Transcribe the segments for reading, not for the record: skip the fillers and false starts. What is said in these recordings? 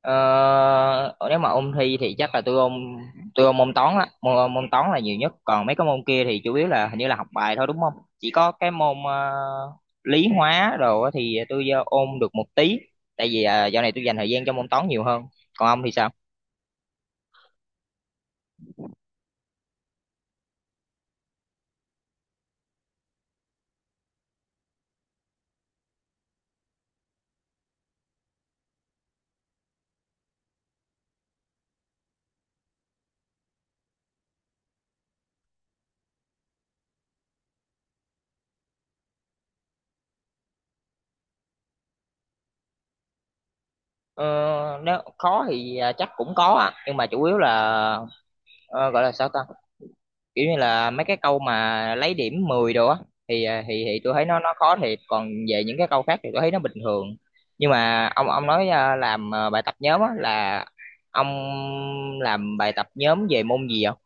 Ờ, nếu mà ôn thi thì chắc là tôi ôn môn toán á, môn toán là nhiều nhất. Còn mấy cái môn kia thì chủ yếu là hình như là học bài thôi, đúng không? Chỉ có cái môn lý hóa đồ á thì tôi ôn được một tí. Tại vì dạo này tôi dành thời gian cho môn toán nhiều hơn. Còn ông thì sao? Ờ, nếu khó thì chắc cũng có á, nhưng mà chủ yếu là ờ, gọi là sao ta, kiểu như là mấy cái câu mà lấy điểm 10 đồ á thì thì tôi thấy nó khó thiệt. Còn về những cái câu khác thì tôi thấy nó bình thường. Nhưng mà ông nói à, làm à, bài tập nhóm á, là ông làm bài tập nhóm về môn gì không?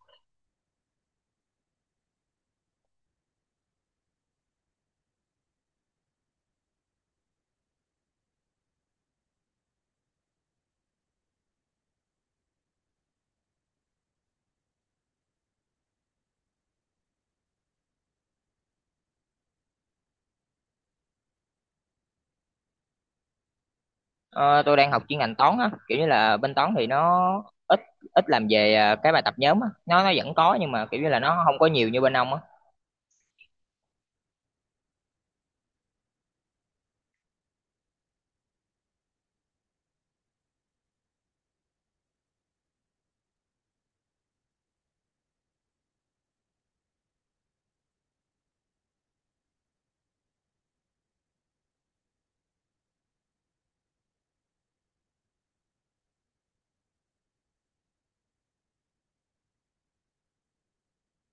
Ờ, tôi đang học chuyên ngành toán á, kiểu như là bên toán thì nó ít ít làm về cái bài tập nhóm á, nó vẫn có, nhưng mà kiểu như là nó không có nhiều như bên ông á.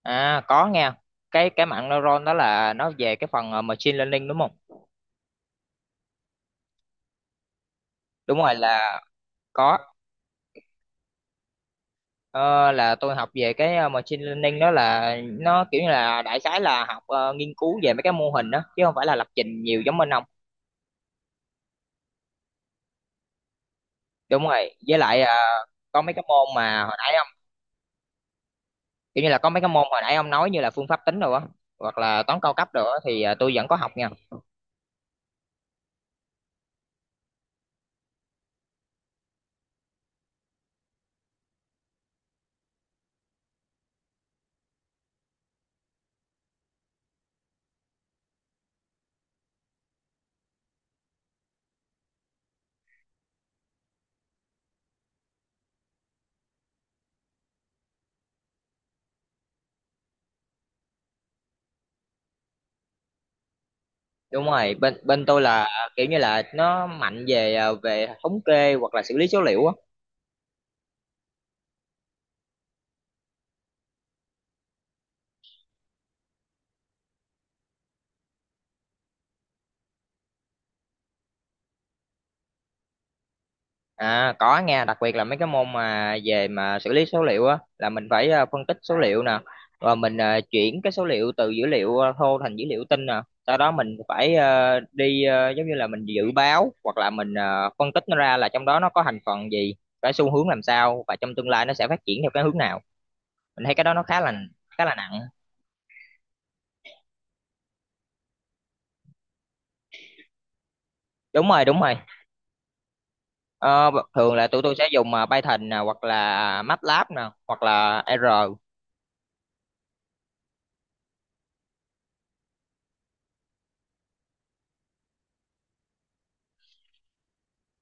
Có nghe, cái mạng neuron đó là nó về cái phần machine learning, đúng không? Đúng rồi, là có. Ờ, là tôi học về cái machine learning đó, là nó kiểu như là đại khái là học, nghiên cứu về mấy cái mô hình đó, chứ không phải là lập trình nhiều giống bên ông. Đúng rồi, với lại có mấy cái môn mà hồi nãy ông kiểu như là có mấy cái môn hồi nãy ông nói như là phương pháp tính rồi á, hoặc là toán cao cấp rồi á thì tôi vẫn có học nha. Đúng rồi, bên bên tôi là kiểu như là nó mạnh về về thống kê hoặc là xử lý số liệu á. À, có nha, đặc biệt là mấy cái môn mà về mà xử lý số liệu á, là mình phải phân tích số liệu nè, rồi mình chuyển cái số liệu từ dữ liệu thô thành dữ liệu tinh nè. Sau đó mình phải đi giống như là mình dự báo, hoặc là mình phân tích nó ra, là trong đó nó có thành phần gì, cái xu hướng làm sao, và trong tương lai nó sẽ phát triển theo cái hướng nào. Mình thấy cái đó nó khá là nặng. Đúng rồi, đúng rồi. Ờ, thường là tụi tôi sẽ dùng Python nè, hoặc là MATLAB nè, hoặc là R.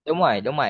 Đúng rồi, đúng rồi.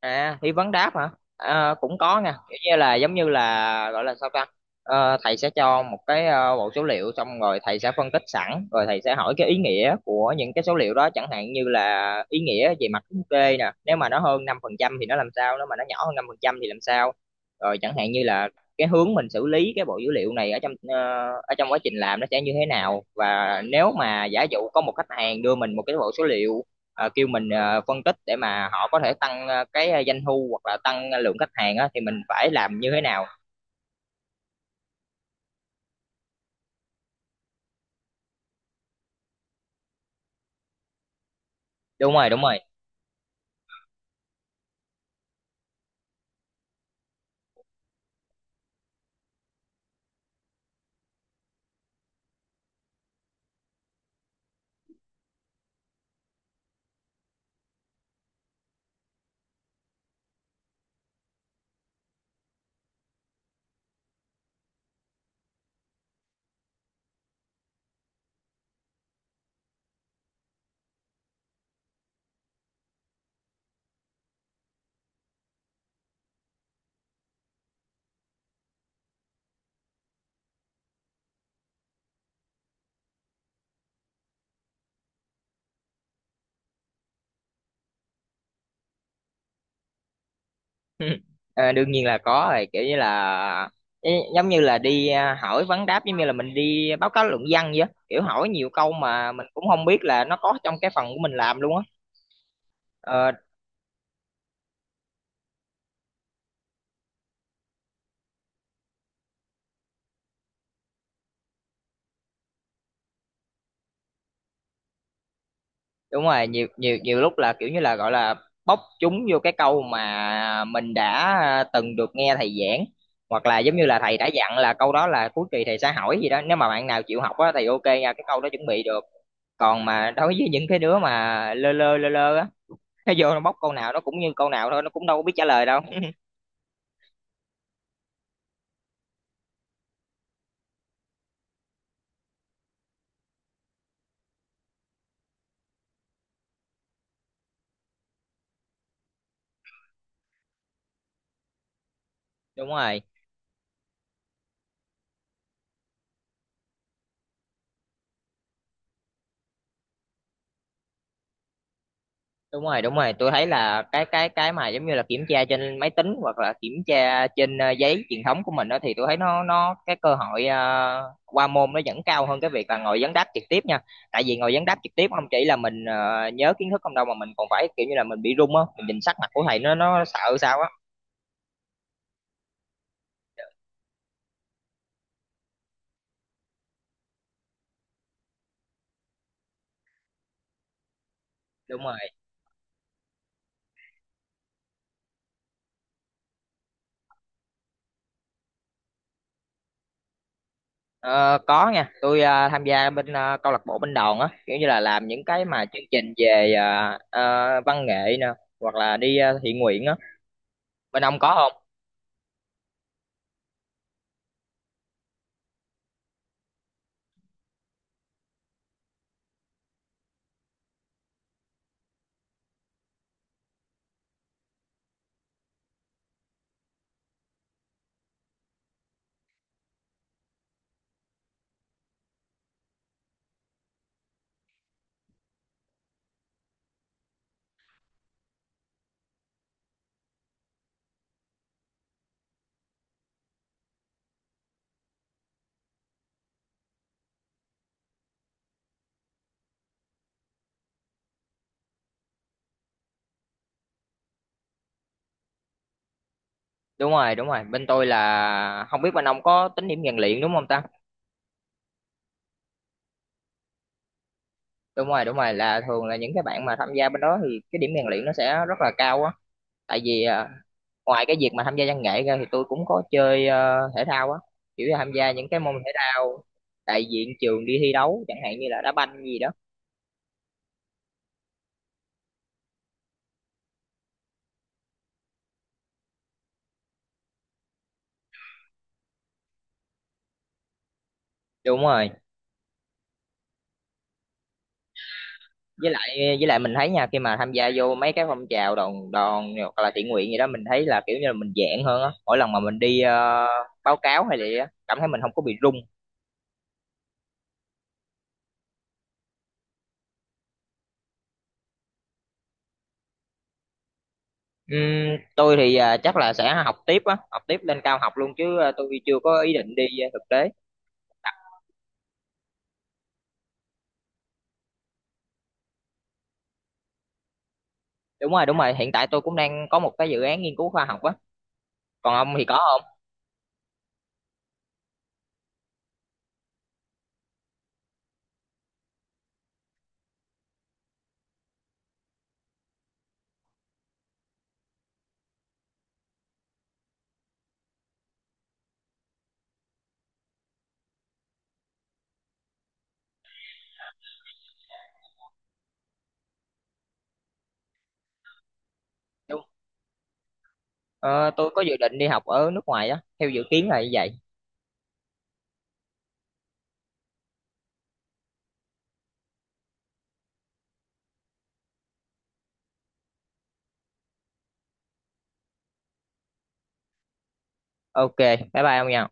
À, thi vấn đáp hả? À, cũng có nha, kiểu như là giống như là gọi là sao ta? Ờ, thầy sẽ cho một cái bộ số liệu, xong rồi thầy sẽ phân tích sẵn, rồi thầy sẽ hỏi cái ý nghĩa của những cái số liệu đó, chẳng hạn như là ý nghĩa về mặt thống kê nè, nếu mà nó hơn 5% thì nó làm sao, nếu mà nó nhỏ hơn 5% thì làm sao. Rồi chẳng hạn như là cái hướng mình xử lý cái bộ dữ liệu này, ở trong quá trình làm nó sẽ như thế nào, và nếu mà giả dụ có một khách hàng đưa mình một cái bộ số liệu, kêu mình phân tích, để mà họ có thể tăng cái doanh thu hoặc là tăng lượng khách hàng á, thì mình phải làm như thế nào? Đúng rồi, đúng rồi. Ờ, đương nhiên là có rồi, kiểu như là giống như là đi hỏi vấn đáp, giống như là mình đi báo cáo luận văn vậy á. Kiểu hỏi nhiều câu mà mình cũng không biết là nó có trong cái phần của mình làm luôn á. Ờ, đúng rồi, nhiều nhiều nhiều lúc là kiểu như là gọi là bóc chúng vô cái câu mà mình đã từng được nghe thầy giảng, hoặc là giống như là thầy đã dặn là câu đó là cuối kỳ thầy sẽ hỏi gì đó, nếu mà bạn nào chịu học á thì ok nha, cái câu đó chuẩn bị được. Còn mà đối với những cái đứa mà lơ lơ á nó vô nó bóc câu nào nó cũng như câu nào thôi, nó cũng đâu có biết trả lời đâu. Đúng rồi, đúng rồi, đúng rồi, tôi thấy là cái mà giống như là kiểm tra trên máy tính, hoặc là kiểm tra trên giấy truyền thống của mình đó, thì tôi thấy nó cái cơ hội qua môn nó vẫn cao hơn cái việc là ngồi vấn đáp trực tiếp nha. Tại vì ngồi vấn đáp trực tiếp không chỉ là mình nhớ kiến thức không đâu, mà mình còn phải kiểu như là mình bị run á, mình nhìn sắc mặt của thầy nó sợ sao á. Đúng rồi. Ờ, có nha, tôi tham gia bên câu lạc bộ bên đoàn á, kiểu như là làm những cái mà chương trình về văn nghệ nè, hoặc là đi thiện nguyện á. Bên ông có? Đúng rồi, đúng rồi, bên tôi là không biết bên ông có tính điểm rèn luyện đúng không ta? Đúng rồi, đúng rồi, là thường là những cái bạn mà tham gia bên đó thì cái điểm rèn luyện nó sẽ rất là cao á. Tại vì ngoài cái việc mà tham gia văn nghệ ra thì tôi cũng có chơi thể thao á, kiểu là tham gia những cái môn thể thao đại diện trường đi thi đấu, chẳng hạn như là đá banh gì đó. Đúng rồi, với lại với lại mình thấy nha, khi mà tham gia vô mấy cái phong trào đoàn đoàn hoặc là thiện nguyện gì đó, mình thấy là kiểu như là mình dạng hơn á, mỗi lần mà mình đi báo cáo hay gì á, cảm thấy mình không có bị run. Tôi thì chắc là sẽ học tiếp á, học tiếp lên cao học luôn chứ. Tôi chưa có ý định đi thực tế. Đúng rồi, hiện tại tôi cũng đang có một cái dự án nghiên cứu khoa học á. Còn ông thì có không? Đúng. Ờ, tôi có dự định đi học ở nước ngoài á, theo dự kiến là như vậy. Ok, bye bye ông nha.